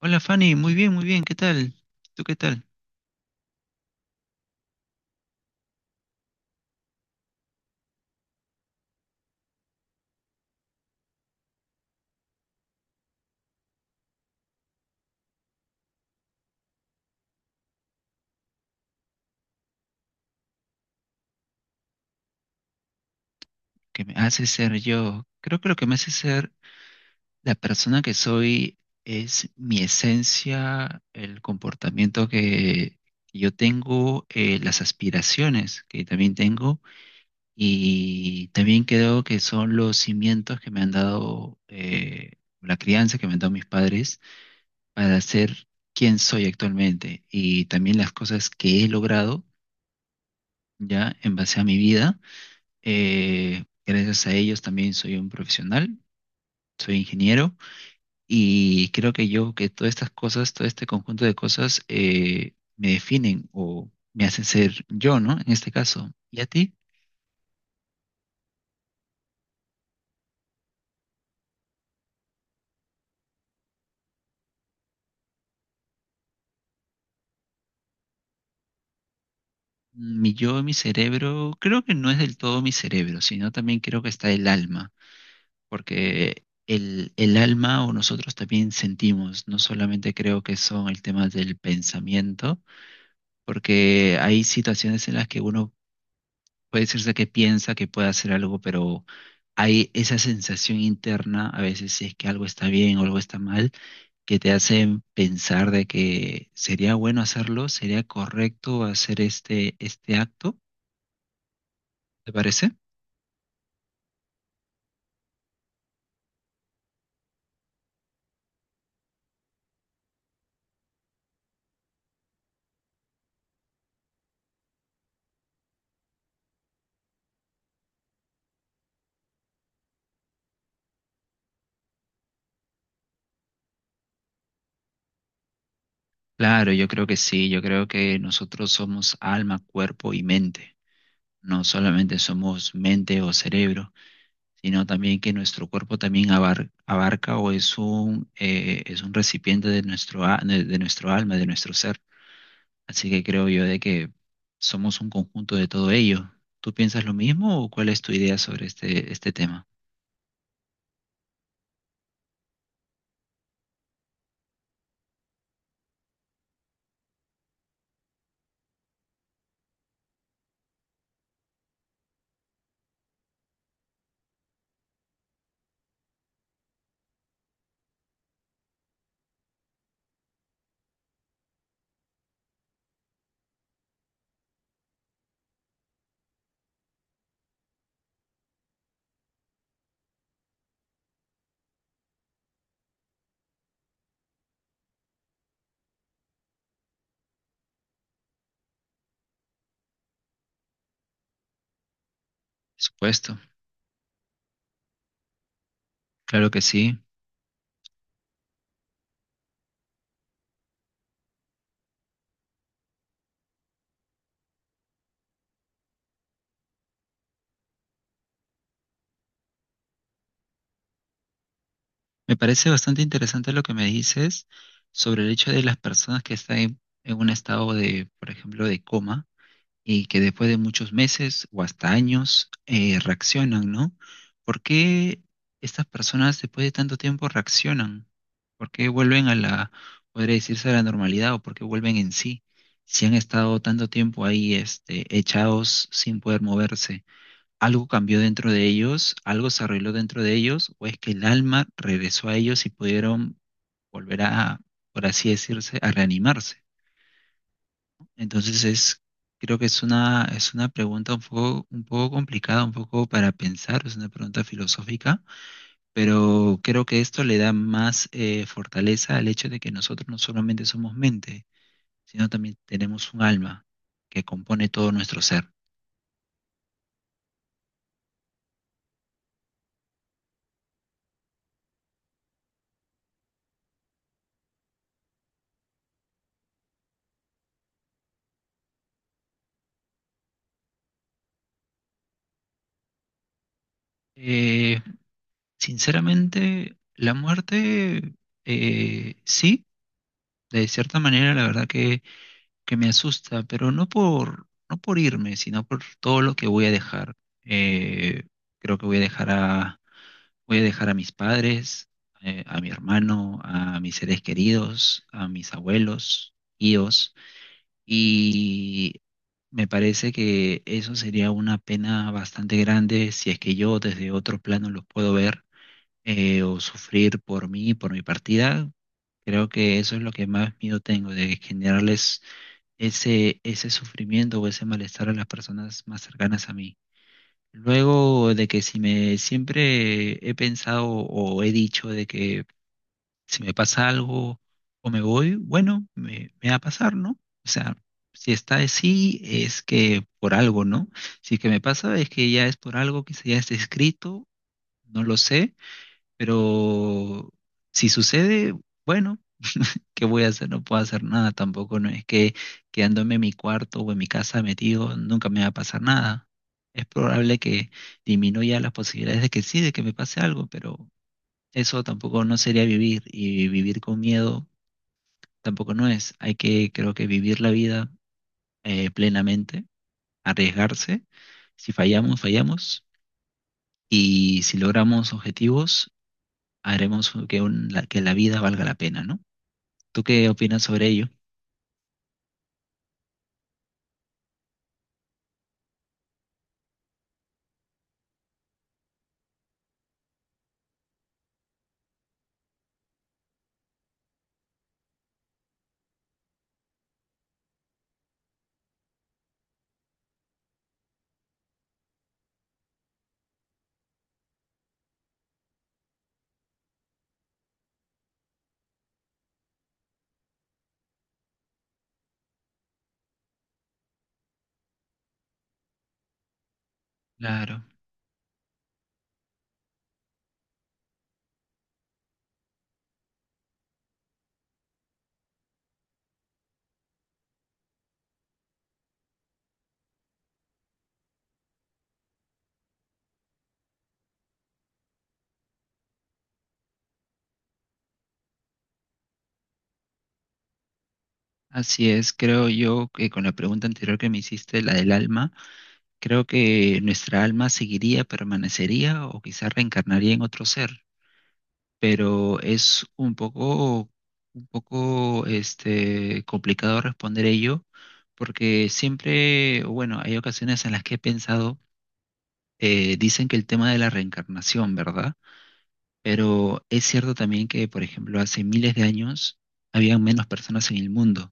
Hola Fanny, muy bien, ¿qué tal? ¿Tú qué tal? ¿Qué me hace ser yo? Creo que lo que me hace ser la persona que soy es mi esencia, el comportamiento que yo tengo, las aspiraciones que también tengo y también creo que son los cimientos que me han dado, la crianza que me han dado mis padres para ser quien soy actualmente y también las cosas que he logrado ya en base a mi vida. Gracias a ellos también soy un profesional, soy ingeniero y creo que yo, que todas estas cosas, todo este conjunto de cosas me definen o me hacen ser yo, ¿no? En este caso. ¿Y a ti? Mi yo, mi cerebro, creo que no es del todo mi cerebro, sino también creo que está el alma, porque el alma o nosotros también sentimos, no solamente creo que son el tema del pensamiento, porque hay situaciones en las que uno puede decirse que piensa que puede hacer algo, pero hay esa sensación interna, a veces si es que algo está bien o algo está mal, que te hace pensar de que sería bueno hacerlo, sería correcto hacer este acto, ¿te parece? Claro, yo creo que sí, yo creo que nosotros somos alma, cuerpo y mente. No solamente somos mente o cerebro, sino también que nuestro cuerpo también abarca o es un recipiente de nuestro, de nuestro alma, de nuestro ser. Así que creo yo de que somos un conjunto de todo ello. ¿Tú piensas lo mismo o cuál es tu idea sobre este tema? Por supuesto, claro que sí. Me parece bastante interesante lo que me dices sobre el hecho de las personas que están en un estado de, por ejemplo, de coma, y que después de muchos meses o hasta años reaccionan, ¿no? ¿Por qué estas personas después de tanto tiempo reaccionan? ¿Por qué vuelven a la, podría decirse, a la normalidad o por qué vuelven en sí? Si han estado tanto tiempo ahí, echados sin poder moverse, ¿algo cambió dentro de ellos? ¿Algo se arregló dentro de ellos? ¿O es que el alma regresó a ellos y pudieron volver a, por así decirse, a reanimarse? Entonces creo que es una pregunta un poco complicada, un poco para pensar, es una pregunta filosófica, pero creo que esto le da más fortaleza al hecho de que nosotros no solamente somos mente, sino también tenemos un alma que compone todo nuestro ser. Eh, sinceramente, la muerte, sí, de cierta manera, la verdad que me asusta, pero no por irme, sino por todo lo que voy a dejar. Eh, creo que voy a dejar a mis padres, a mi hermano, a mis seres queridos, a mis abuelos, tíos, y me parece que eso sería una pena bastante grande si es que yo desde otro plano los puedo ver o sufrir por mí, por mi partida. Creo que eso es lo que más miedo tengo, de generarles ese sufrimiento o ese malestar a las personas más cercanas a mí. Luego de que si me siempre he pensado o he dicho de que si me pasa algo o me voy, bueno, me va a pasar, ¿no? O sea, si está así es que por algo, ¿no? Si es que me pasa es que ya es por algo, que ya está escrito, no lo sé, pero si sucede, bueno. ¿Qué voy a hacer? No puedo hacer nada tampoco. No es que quedándome en mi cuarto o en mi casa metido nunca me va a pasar nada. Es probable que disminuya las posibilidades de que sí, de que me pase algo, pero eso tampoco no sería vivir. Y vivir con miedo tampoco no es. Hay que, creo que vivir la vida plenamente, arriesgarse. Si fallamos, fallamos. Y si logramos objetivos, haremos que, que la vida valga la pena, ¿no? ¿Tú qué opinas sobre ello? Claro. Así es, creo yo que con la pregunta anterior que me hiciste, la del alma, creo que nuestra alma seguiría, permanecería o quizás reencarnaría en otro ser, pero es un poco complicado responder ello, porque siempre, o bueno, hay ocasiones en las que he pensado, dicen que el tema de la reencarnación, ¿verdad? Pero es cierto también que, por ejemplo, hace miles de años habían menos personas en el mundo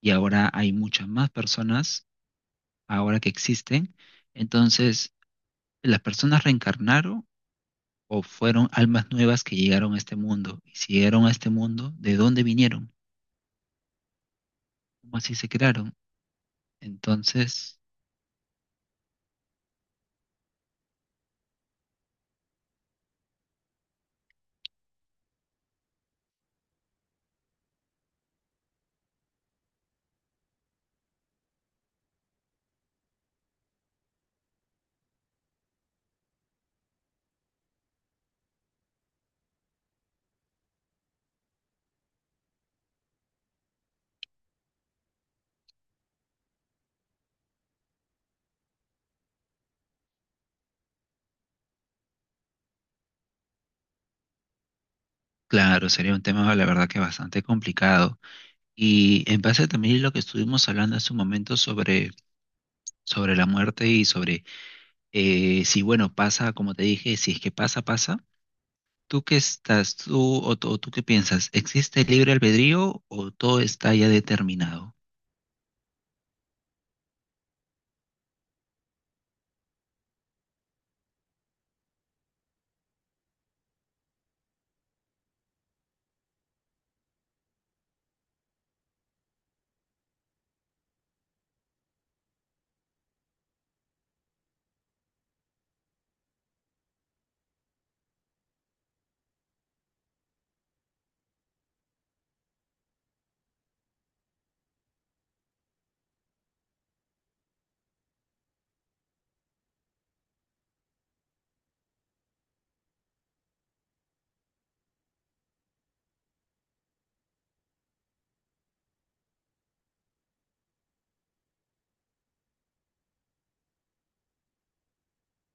y ahora hay muchas más personas ahora que existen. Entonces, las personas reencarnaron o fueron almas nuevas que llegaron a este mundo. Y si llegaron a este mundo, ¿de dónde vinieron? ¿Cómo así se crearon? Entonces, claro, sería un tema, la verdad, que bastante complicado. Y en base también a lo que estuvimos hablando hace un momento sobre la muerte y sobre si, bueno, pasa, como te dije, si es que pasa, pasa. ¿Tú qué estás, tú o, tú o Tú qué piensas? ¿Existe el libre albedrío o todo está ya determinado?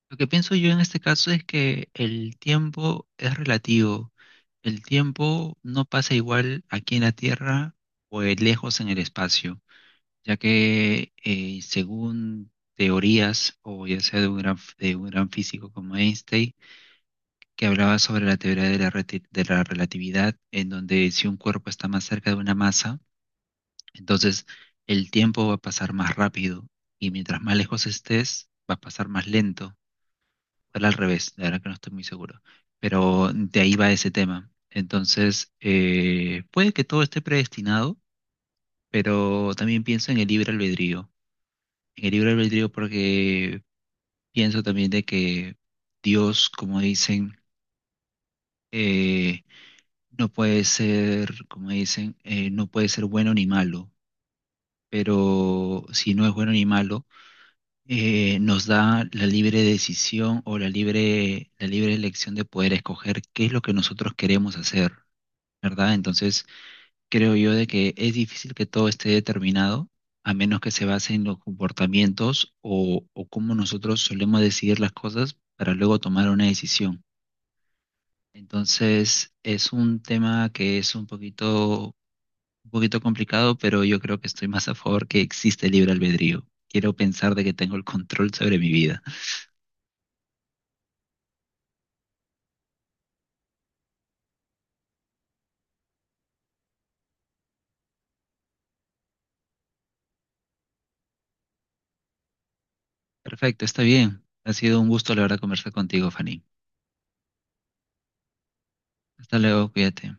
Lo que pienso yo en este caso es que el tiempo es relativo. El tiempo no pasa igual aquí en la Tierra o lejos en el espacio, ya que según teorías, o ya sea de un gran físico como Einstein, que hablaba sobre la teoría de la relatividad, en donde si un cuerpo está más cerca de una masa, entonces el tiempo va a pasar más rápido y mientras más lejos estés, va a pasar más lento. Era al revés, la verdad que no estoy muy seguro. Pero de ahí va ese tema. Entonces, puede que todo esté predestinado, pero también pienso en el libre albedrío. En el libre albedrío porque pienso también de que Dios, como dicen, eh, no puede ser, como dicen, no puede ser bueno ni malo. Pero si no es bueno ni malo, nos da la libre decisión o la libre elección de poder escoger qué es lo que nosotros queremos hacer, ¿verdad? Entonces, creo yo de que es difícil que todo esté determinado, a menos que se base en los comportamientos o cómo nosotros solemos decidir las cosas para luego tomar una decisión. Entonces, es un tema que es un poquito complicado, pero yo creo que estoy más a favor que existe el libre albedrío. Quiero pensar de que tengo el control sobre mi vida. Perfecto, está bien. Ha sido un gusto, la verdad, conversar contigo, Fanny. Hasta luego, cuídate.